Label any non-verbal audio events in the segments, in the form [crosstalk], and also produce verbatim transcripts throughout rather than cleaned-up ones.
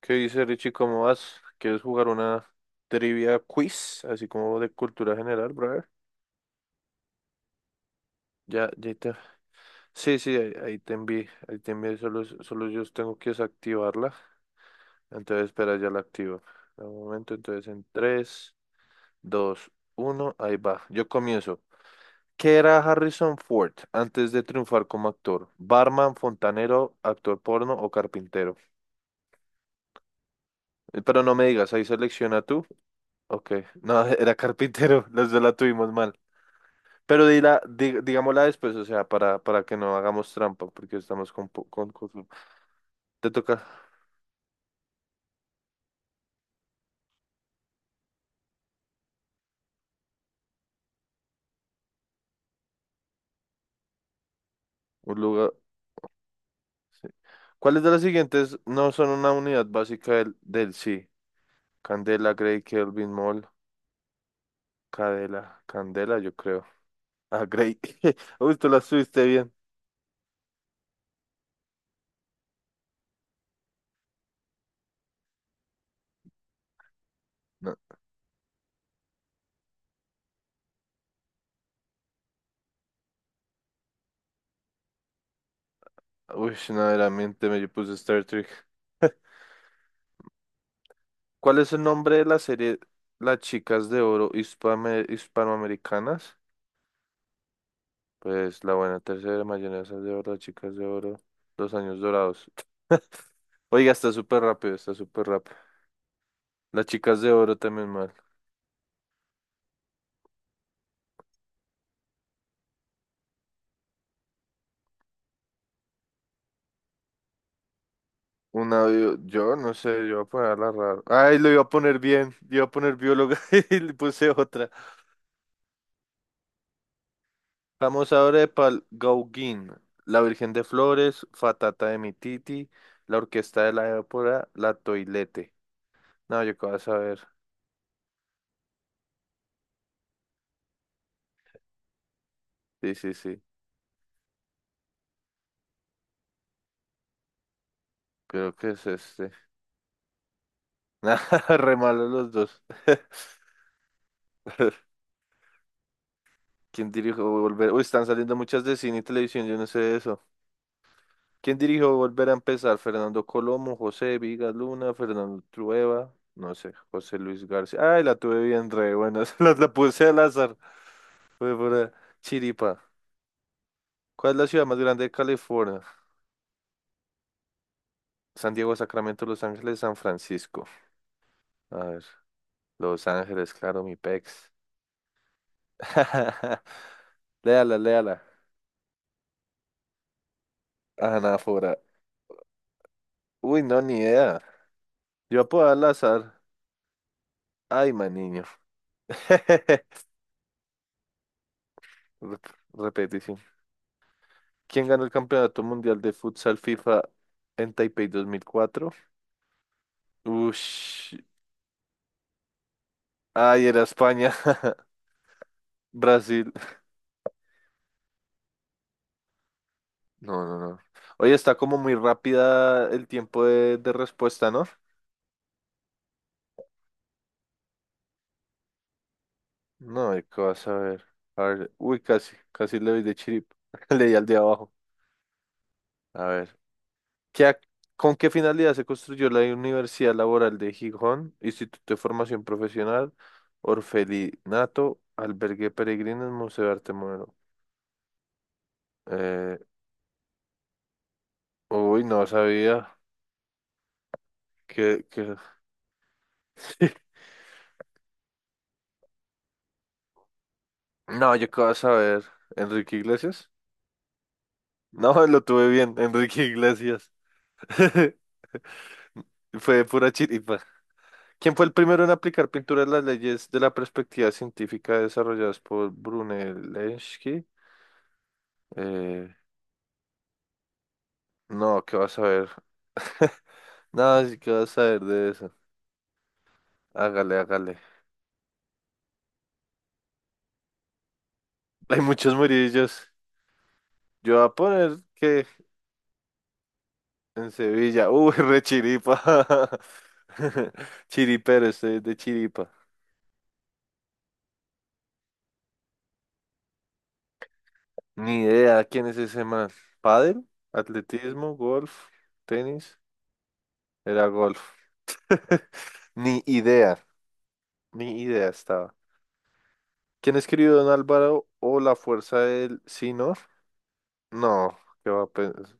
¿Qué dice Richie? ¿Cómo vas? ¿Quieres jugar una trivia quiz? Así como de cultura general, brother. Ya, ya te... Sí, sí, ahí, ahí te envié. Ahí te envié. Solo, solo yo tengo que desactivarla. Entonces, espera, ya la activo. Un momento, entonces en tres, dos, uno, ahí va. Yo comienzo. ¿Qué era Harrison Ford antes de triunfar como actor? ¿Barman, fontanero, actor porno o carpintero? Eh, Pero no me digas, ahí selecciona tú. Ok, no, [laughs] era carpintero, los dos la tuvimos mal. Pero dila, di- digámosla después, o sea, para, para que no hagamos trampa, porque estamos con, po- con, con- Te toca un lugar. Sí. ¿Cuáles de las siguientes no son una unidad básica del, del sí? Candela, Gray, Kelvin, Mol, Cadela, Candela, yo creo. Ah, Gray. [laughs] Uy, tú la subiste bien. No. Uy, verdaderamente me puse Star Trek. [laughs] ¿Cuál es el nombre de la serie Las chicas de oro hispame- hispanoamericanas? Pues la buena tercera, mayonesa de oro, chicas de oro, los años dorados. [laughs] Oiga, está súper rápido, está súper rápido. Las chicas de oro también mal. Una, bio- yo, no sé, yo voy a ponerla raro. Ay, lo iba a poner bien, iba a poner bióloga [laughs] y le puse otra. Vamos ahora de Pal Gauguin, La Virgen de Flores, Fatata de mi Titi, La Orquesta de la Épora, La Toilette. No, yo qué vas a ver. Sí, sí, sí. Creo que es este. [laughs] Nada, re malos los dos. [laughs] ¿Quién dirigió Volver? Uy, están saliendo muchas de cine y televisión, yo no sé de eso. ¿Quién dirigió Volver a empezar? Fernando Colomo, José Vigas Luna, Fernando Trueba, no sé, José Luis García. Ay, la tuve bien re buena, [laughs] se la, la puse al azar. Fue por eh, chiripa. ¿Cuál es la ciudad más grande de California? San Diego, Sacramento, Los Ángeles, San Francisco. A ver, Los Ángeles, claro, mi pex. [laughs] Léala, léala. Anáfora. Uy, no, ni idea. Yo puedo al azar. Ay, man, niño. [laughs] Rep- Repete, sí. ¿Quién ganó el Campeonato Mundial de Futsal FIFA en Taipei dos mil cuatro? Ush. Ay, era España. [laughs] Brasil. No, no, no. Oye, está como muy rápida el tiempo de, de respuesta, ¿no? No, ¿de ¿qué vas a ver? A ver. Uy, casi. Casi le doy de chirip. [laughs] Leí al de abajo. A ver. ¿Qué ac- ¿Con qué finalidad se construyó la Universidad Laboral de Gijón, Instituto de Formación Profesional, Orfelinato, Albergue de Peregrinos, Museo de Arte Moderno? Eh, uy, no sabía que, que... [laughs] No, yo qué vas a saber. ¿Enrique Iglesias? No, [laughs] lo tuve bien, Enrique Iglesias. [laughs] Fue de pura chiripa. ¿Quién fue el primero en aplicar pintura de las leyes de la perspectiva científica desarrolladas por Brunelleschi? Eh, no, ¿qué vas a ver? [laughs] No, sí que vas a ver de eso. Hágale, hágale. [laughs] Hay muchos murillos. Yo voy a poner que en Sevilla. [laughs] Uy, re chiripa. [laughs] Chiripero, estoy de chiripa. Ni idea quién es ese man. ¿Pádel? ¿Atletismo? ¿Golf? ¿Tenis? Era golf. [laughs] Ni idea. Ni idea estaba. ¿Quién escribió Don Álvaro o La Fuerza del Sinor? No, qué va a pensar.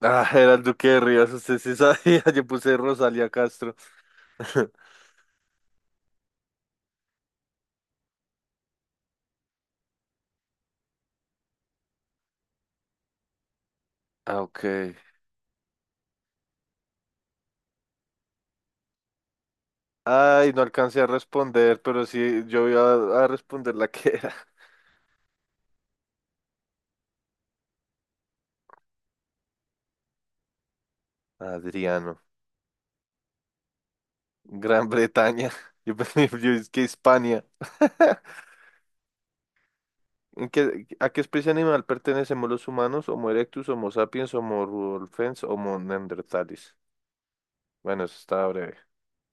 Ah, era el Duque de Rivas, usted sí sabía. [laughs] Yo puse Rosalía Castro. [laughs] Ah, ok. Ay, no alcancé a responder, pero sí, yo iba a, a responder la que era. [laughs] Adriano. Gran Bretaña. [laughs] Yo pensé yo es que Hispania. [laughs] ¿En qué- a qué especie animal pertenecemos los humanos? Homo erectus, Homo sapiens, Homo rudolfens, Homo neanderthalis. Bueno, eso estaba breve. [laughs]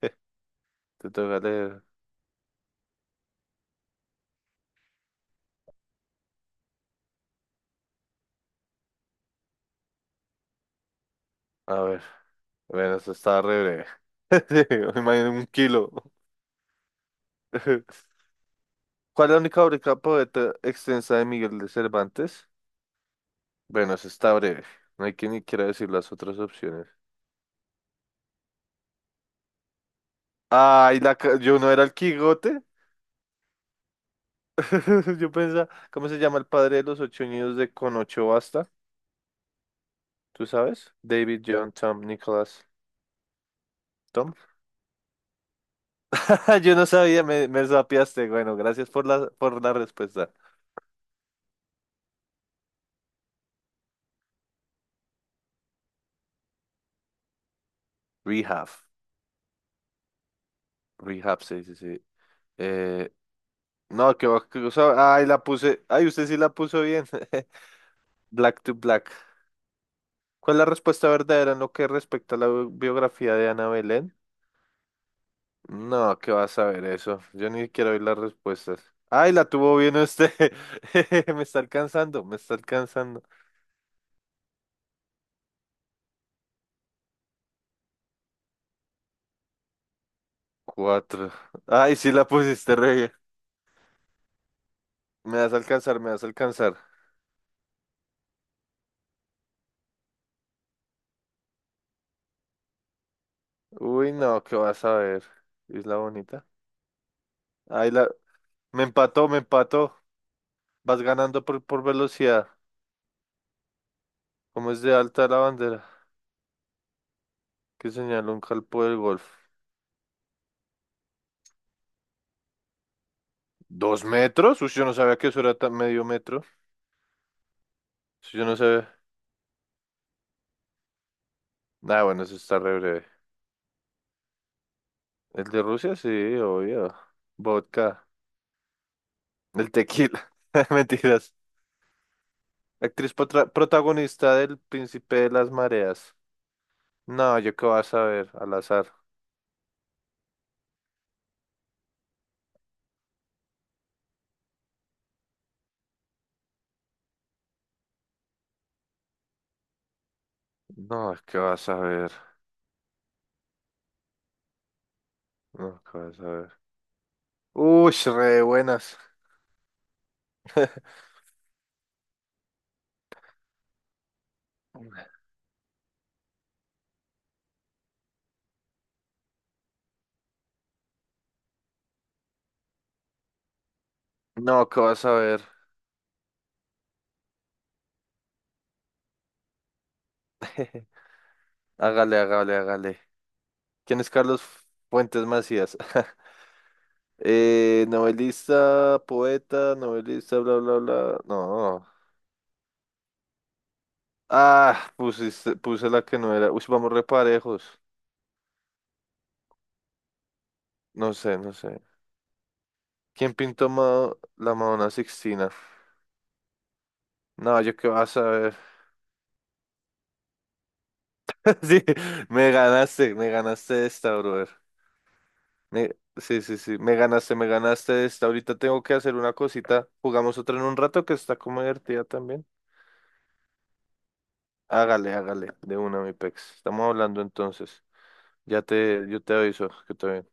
Te toca leer. A ver. Bueno, eso estaba re breve. [laughs] Sí, me imagino un kilo. [laughs] ¿Cuál es la única obra poeta extensa de Miguel de Cervantes? Bueno, eso está breve. No hay que ni quiera decir las otras opciones. Ay, la ca- yo no era el Quijote. [laughs] Yo pensaba, ¿cómo se llama el padre de los ocho niños de Con ocho basta? ¿Tú sabes? David, John, Tom, Nicholas, Tom. [laughs] Yo no sabía, me, me sapeaste. Bueno, gracias por la, por la respuesta. Rehab. Rehab, sí, sí, sí. Eh, no, qué va- qué cosa. Ay, la puse. Ay, usted sí la puso bien. [laughs] Black to Black. ¿Cuál es la respuesta verdadera en lo que respecta a la bi- biografía de Ana Belén? No, ¿qué vas a ver eso? Yo ni quiero oír las respuestas. Ay, la tuvo bien usted. [laughs] Me está alcanzando, me está alcanzando. Cuatro. Ay, sí la pusiste re bien. Me vas a alcanzar, me vas a alcanzar. Uy, no, ¿qué vas a ver? Isla Bonita. Ay, la... Me empató, me empató. Vas ganando por, por velocidad. ¿Cómo es de alta la bandera? Que señaló un calpo del golf. ¿Dos metros? Uy, yo no sabía que eso era tan medio metro. Eso yo no sabía. Nah, bueno, eso está re breve. El de Rusia, sí, obvio. Vodka. El tequila. [laughs] Mentiras. Actriz potra- protagonista del Príncipe de las Mareas. No, yo qué vas a ver, al azar. No, qué vas a ver. No, qué vas a ver. Uy, re buenas. [laughs] No, qué vas a ver. Hágale, hágale, hágale. ¿Quién es Carlos Fuentes Macías? [laughs] Eh, novelista, poeta, novelista, bla, bla, bla. No. Ah, pusiste, puse la que no era. Uy, vamos reparejos. No sé, no sé. ¿Quién pintó Ma- la Madonna Sixtina? No, yo qué vas a ver. [laughs] Sí, me ganaste, me ganaste esta, brother. Me- sí, sí, sí, me ganaste, me ganaste esta. Ahorita tengo que hacer una cosita. Jugamos otra en un rato que está como divertida también. Hágale, hágale, de una, mi pex. Estamos hablando entonces. Ya te, yo te aviso que te ven.